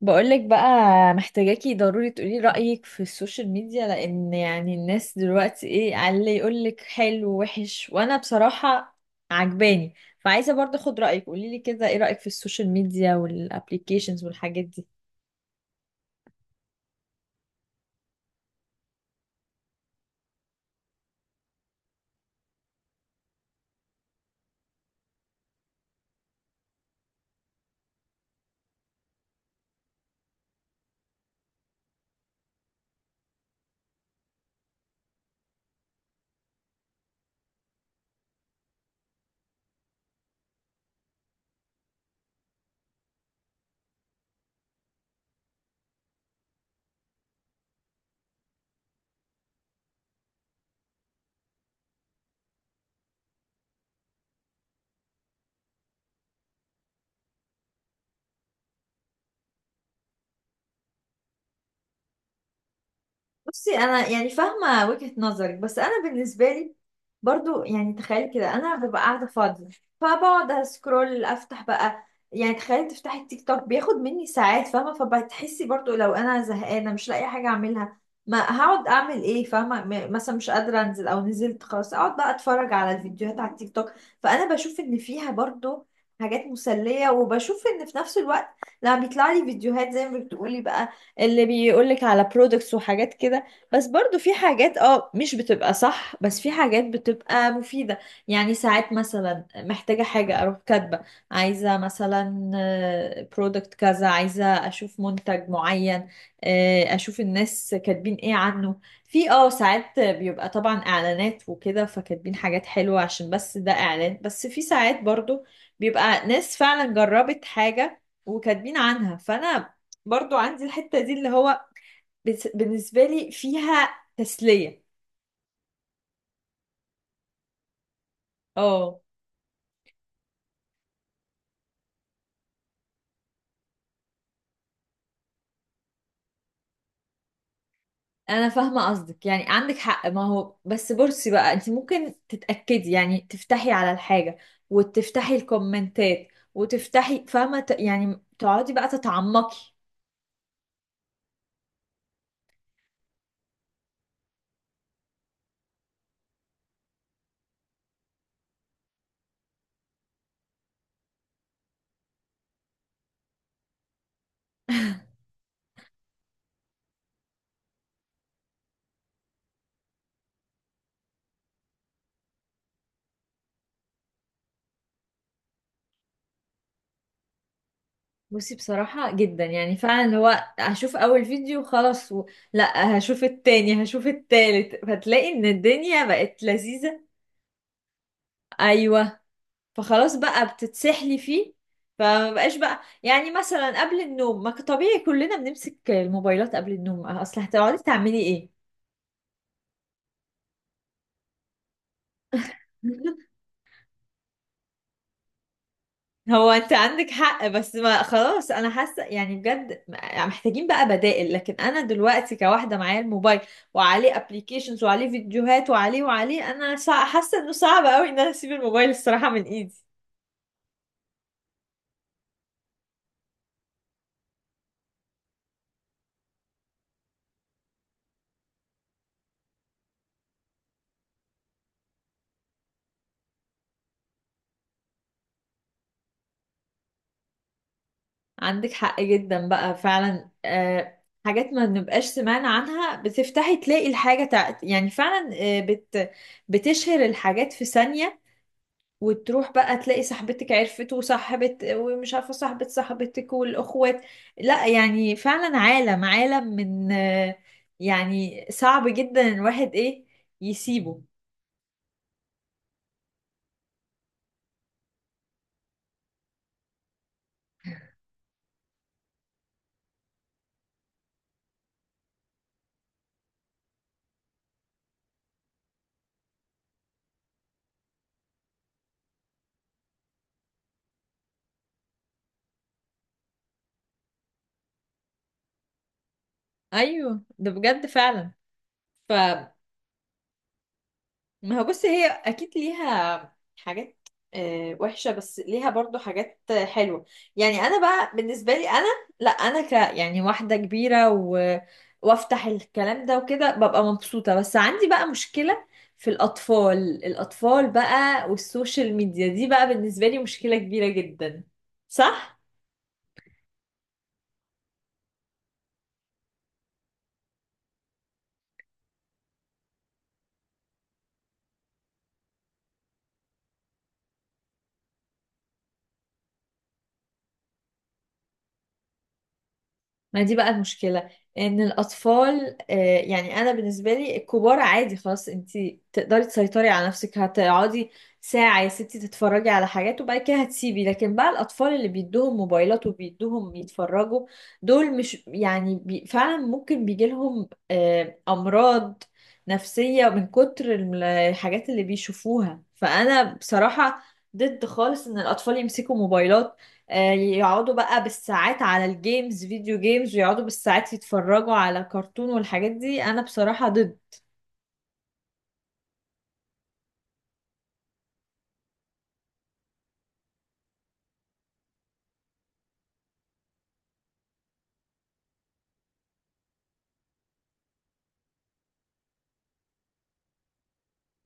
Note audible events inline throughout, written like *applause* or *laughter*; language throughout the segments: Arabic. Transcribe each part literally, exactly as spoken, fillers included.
بقولك بقى، محتاجاكي ضروري تقولي رأيك في السوشيال ميديا، لأن يعني الناس دلوقتي ايه على اللي يقولك حلو وحش، وأنا بصراحة عجباني. فعايزة برضه أخد رأيك، قوليلي كده ايه رأيك في السوشيال ميديا والابليكيشنز والحاجات دي. بصي، انا يعني فاهمه وجهه نظرك، بس انا بالنسبه لي برضو، يعني تخيلي كده انا ببقى قاعده فاضيه، فبقعد اسكرول افتح بقى. يعني تخيلي تفتحي التيك توك بياخد مني ساعات، فاهمه؟ فبتحسي برضو لو انا زهقانه مش لاقي حاجه اعملها، ما هقعد اعمل ايه فاهمه؟ م- مثلا مش قادره انزل، او نزلت خلاص اقعد بقى اتفرج على الفيديوهات على التيك توك. فانا بشوف ان فيها برضو حاجات مسليه، وبشوف ان في نفس الوقت لما بيطلع لي فيديوهات زي ما بتقولي بقى، اللي بيقولك على برودكتس وحاجات كده، بس برضو في حاجات اه مش بتبقى صح، بس في حاجات بتبقى مفيدة. يعني ساعات مثلا محتاجة حاجة اروح كاتبة، عايزة مثلا برودكت كذا، عايزة اشوف منتج معين، آه، اشوف الناس كاتبين ايه عنه، في اه ساعات بيبقى طبعا اعلانات وكده، فكاتبين حاجات حلوة عشان بس ده اعلان، بس في ساعات برضو بيبقى ناس فعلا جربت حاجة وكاتبين عنها. فانا برضو عندي الحتة دي، اللي هو بس- بالنسبة لي فيها تسلية. اه، انا فاهمة قصدك، يعني عندك حق. ما هو بس بصي بقى، انت ممكن تتأكدي، يعني تفتحي على الحاجة، وتفتحي الكومنتات، وتفتحي، فاهمة؟ ت- يعني تقعدي بقى تتعمقي. بصي، بصراحة جدا يعني فعلا، اللي هو هشوف اول فيديو خلاص و... لا، هشوف التاني، هشوف التالت، فتلاقي ان الدنيا بقت لذيذة. ايوه، فخلاص بقى بتتسحلي فيه، فما بقاش بقى، يعني مثلا قبل النوم، ما ك- طبيعي كلنا بنمسك الموبايلات قبل النوم، اصل هتقعدي تعملي ايه؟ *laughs* هو انت عندك حق، بس ما خلاص، انا حاسه يعني بجد محتاجين بقى بدائل. لكن انا دلوقتي كواحده معايا الموبايل، وعليه ابليكيشنز، وعليه فيديوهات، وعليه وعليه، انا صع- حاسه انه صعب قوي ان انا اسيب الموبايل الصراحه من ايدي. عندك حق جدا بقى فعلا، آه حاجات ما بنبقاش سمعنا عنها، بتفتحي تلاقي الحاجة تع... يعني فعلا، آه بت... بتشهر الحاجات في ثانية، وتروح بقى تلاقي صاحبتك عرفت، وصاحبة، ومش عارفة صاحبة صاحبتك، والأخوات. لا يعني فعلا، عالم، عالم من آه يعني صعب جدا الواحد ايه؟ يسيبه. ايوه ده بجد فعلا. ما هو بص، هي اكيد ليها حاجات آه، وحشة، بس ليها برضو حاجات آه، حلوة. يعني انا بقى بالنسبة لي انا، لا انا ك يعني واحدة كبيرة و... وافتح الكلام ده وكده ببقى مبسوطة، بس عندي بقى مشكلة في الاطفال. الاطفال بقى والسوشيال ميديا دي بقى، بالنسبة لي مشكلة كبيرة جدا. صح؟ ما دي بقى المشكلة، ان الاطفال، آه، يعني انا بالنسبة لي الكبار عادي، خلاص انت تقدري تسيطري على نفسك، هتقعدي ساعة يا ستي تتفرجي على حاجات وبعد كده هتسيبي. لكن بقى الاطفال اللي بيدوهم موبايلات وبيدوهم يتفرجوا، دول مش، يعني بي فعلا ممكن بيجيلهم آه، امراض نفسية من كتر ال- الحاجات اللي بيشوفوها. فانا بصراحة ضد خالص ان الاطفال يمسكوا موبايلات، آه، يقعدوا بقى بالساعات على الجيمز، فيديو جيمز، ويقعدوا بالساعات يتفرجوا على كرتون والحاجات دي. انا بصراحة ضد.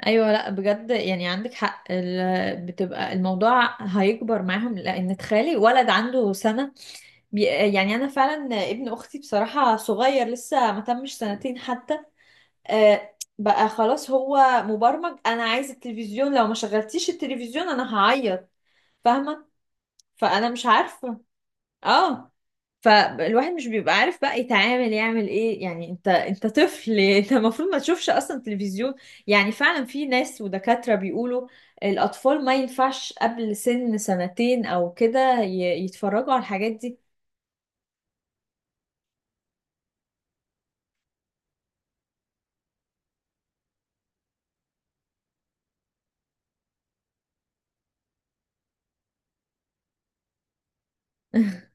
ايوه لا، بجد يعني عندك حق، ال- بتبقى الموضوع هيكبر معاهم، لان تخيلي ولد عنده سنة، بي- يعني انا فعلا ابن اختي بصراحة صغير، لسه ما تمش سنتين حتى، آه، بقى خلاص هو مبرمج. انا عايز التلفزيون، لو ما شغلتيش التلفزيون انا هعيط، فاهمة؟ فانا مش عارفة. اه، فالواحد مش بيبقى عارف بقى يتعامل يعمل ايه، يعني انت انت طفل *laughs* انت المفروض ما تشوفش اصلا تلفزيون. يعني فعلا في ناس ودكاترة بيقولوا الاطفال ما ينفعش قبل سن سنتين او كده ي- يتفرجوا على الحاجات دي. *laughs*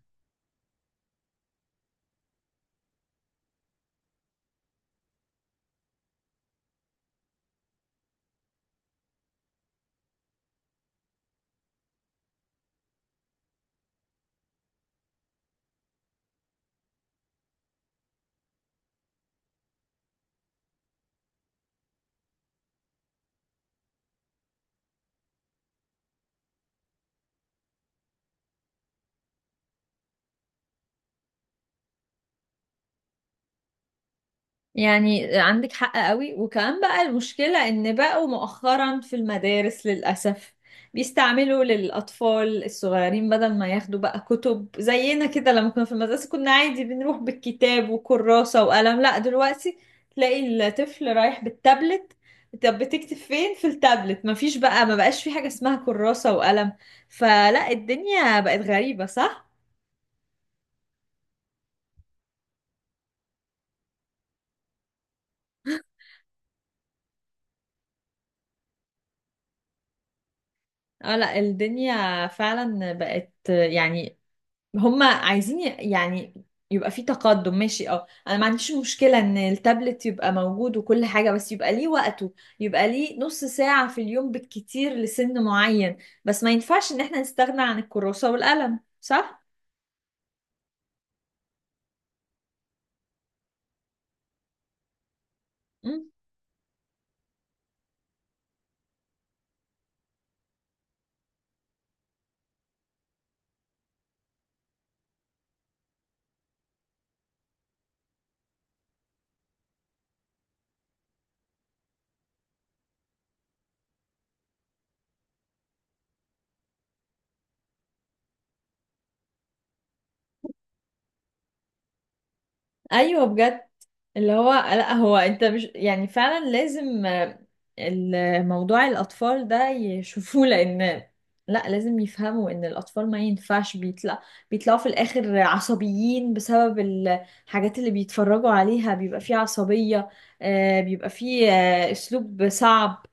يعني عندك حق قوي، وكمان بقى المشكلة ان بقوا مؤخرا في المدارس للأسف بيستعملوا للأطفال الصغيرين، بدل ما ياخدوا بقى كتب زينا كده. لما كنا في المدرسة كنا عادي بنروح بالكتاب وكراسة وقلم، لا دلوقتي تلاقي الطفل رايح بالتابلت. طب بتكتب فين في التابلت؟ مفيش بقى، ما بقاش في حاجة اسمها كراسة وقلم. فلا، الدنيا بقت غريبة. صح؟ اه لا، الدنيا فعلا بقت يعني، هما عايزين ي- يعني يبقى في تقدم ماشي. اه انا ما عنديش مشكلة ان التابلت يبقى موجود وكل حاجة، بس يبقى ليه وقته، يبقى ليه نص ساعة في اليوم بالكتير لسن معين. بس ما ينفعش ان احنا نستغنى عن الكراسة والقلم. صح؟ مم. ايوه بجد، اللي هو لا، هو انت مش يعني فعلا لازم، آه، الموضوع الاطفال ده يشوفوه، لان لا لازم يفهموا ان الاطفال ما ينفعش بيطلع بيطلعوا في الاخر عصبيين بسبب الحاجات اللي بيتفرجوا عليها. بيبقى فيه عصبية، آه، بيبقى فيه آه، اسلوب صعب.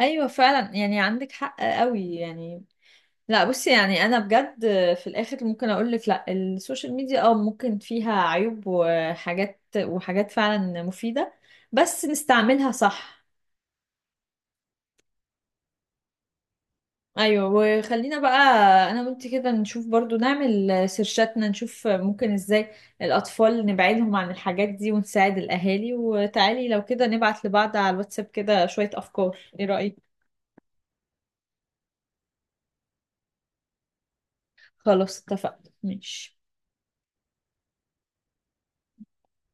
ايوه فعلا، يعني عندك حق قوي يعني. لا بصي، يعني انا بجد في الاخر ممكن اقول لك لا، السوشيال ميديا اه ممكن فيها عيوب وحاجات، وحاجات فعلا مفيدة، بس نستعملها صح. ايوه، وخلينا بقى انا وانت كده نشوف برضو، نعمل سيرشاتنا نشوف ممكن ازاي الاطفال نبعدهم عن الحاجات دي ونساعد الاهالي، وتعالي لو كده نبعت لبعض على الواتساب كده شوية افكار، ايه رأيك؟ خلاص اتفقنا، ماشي.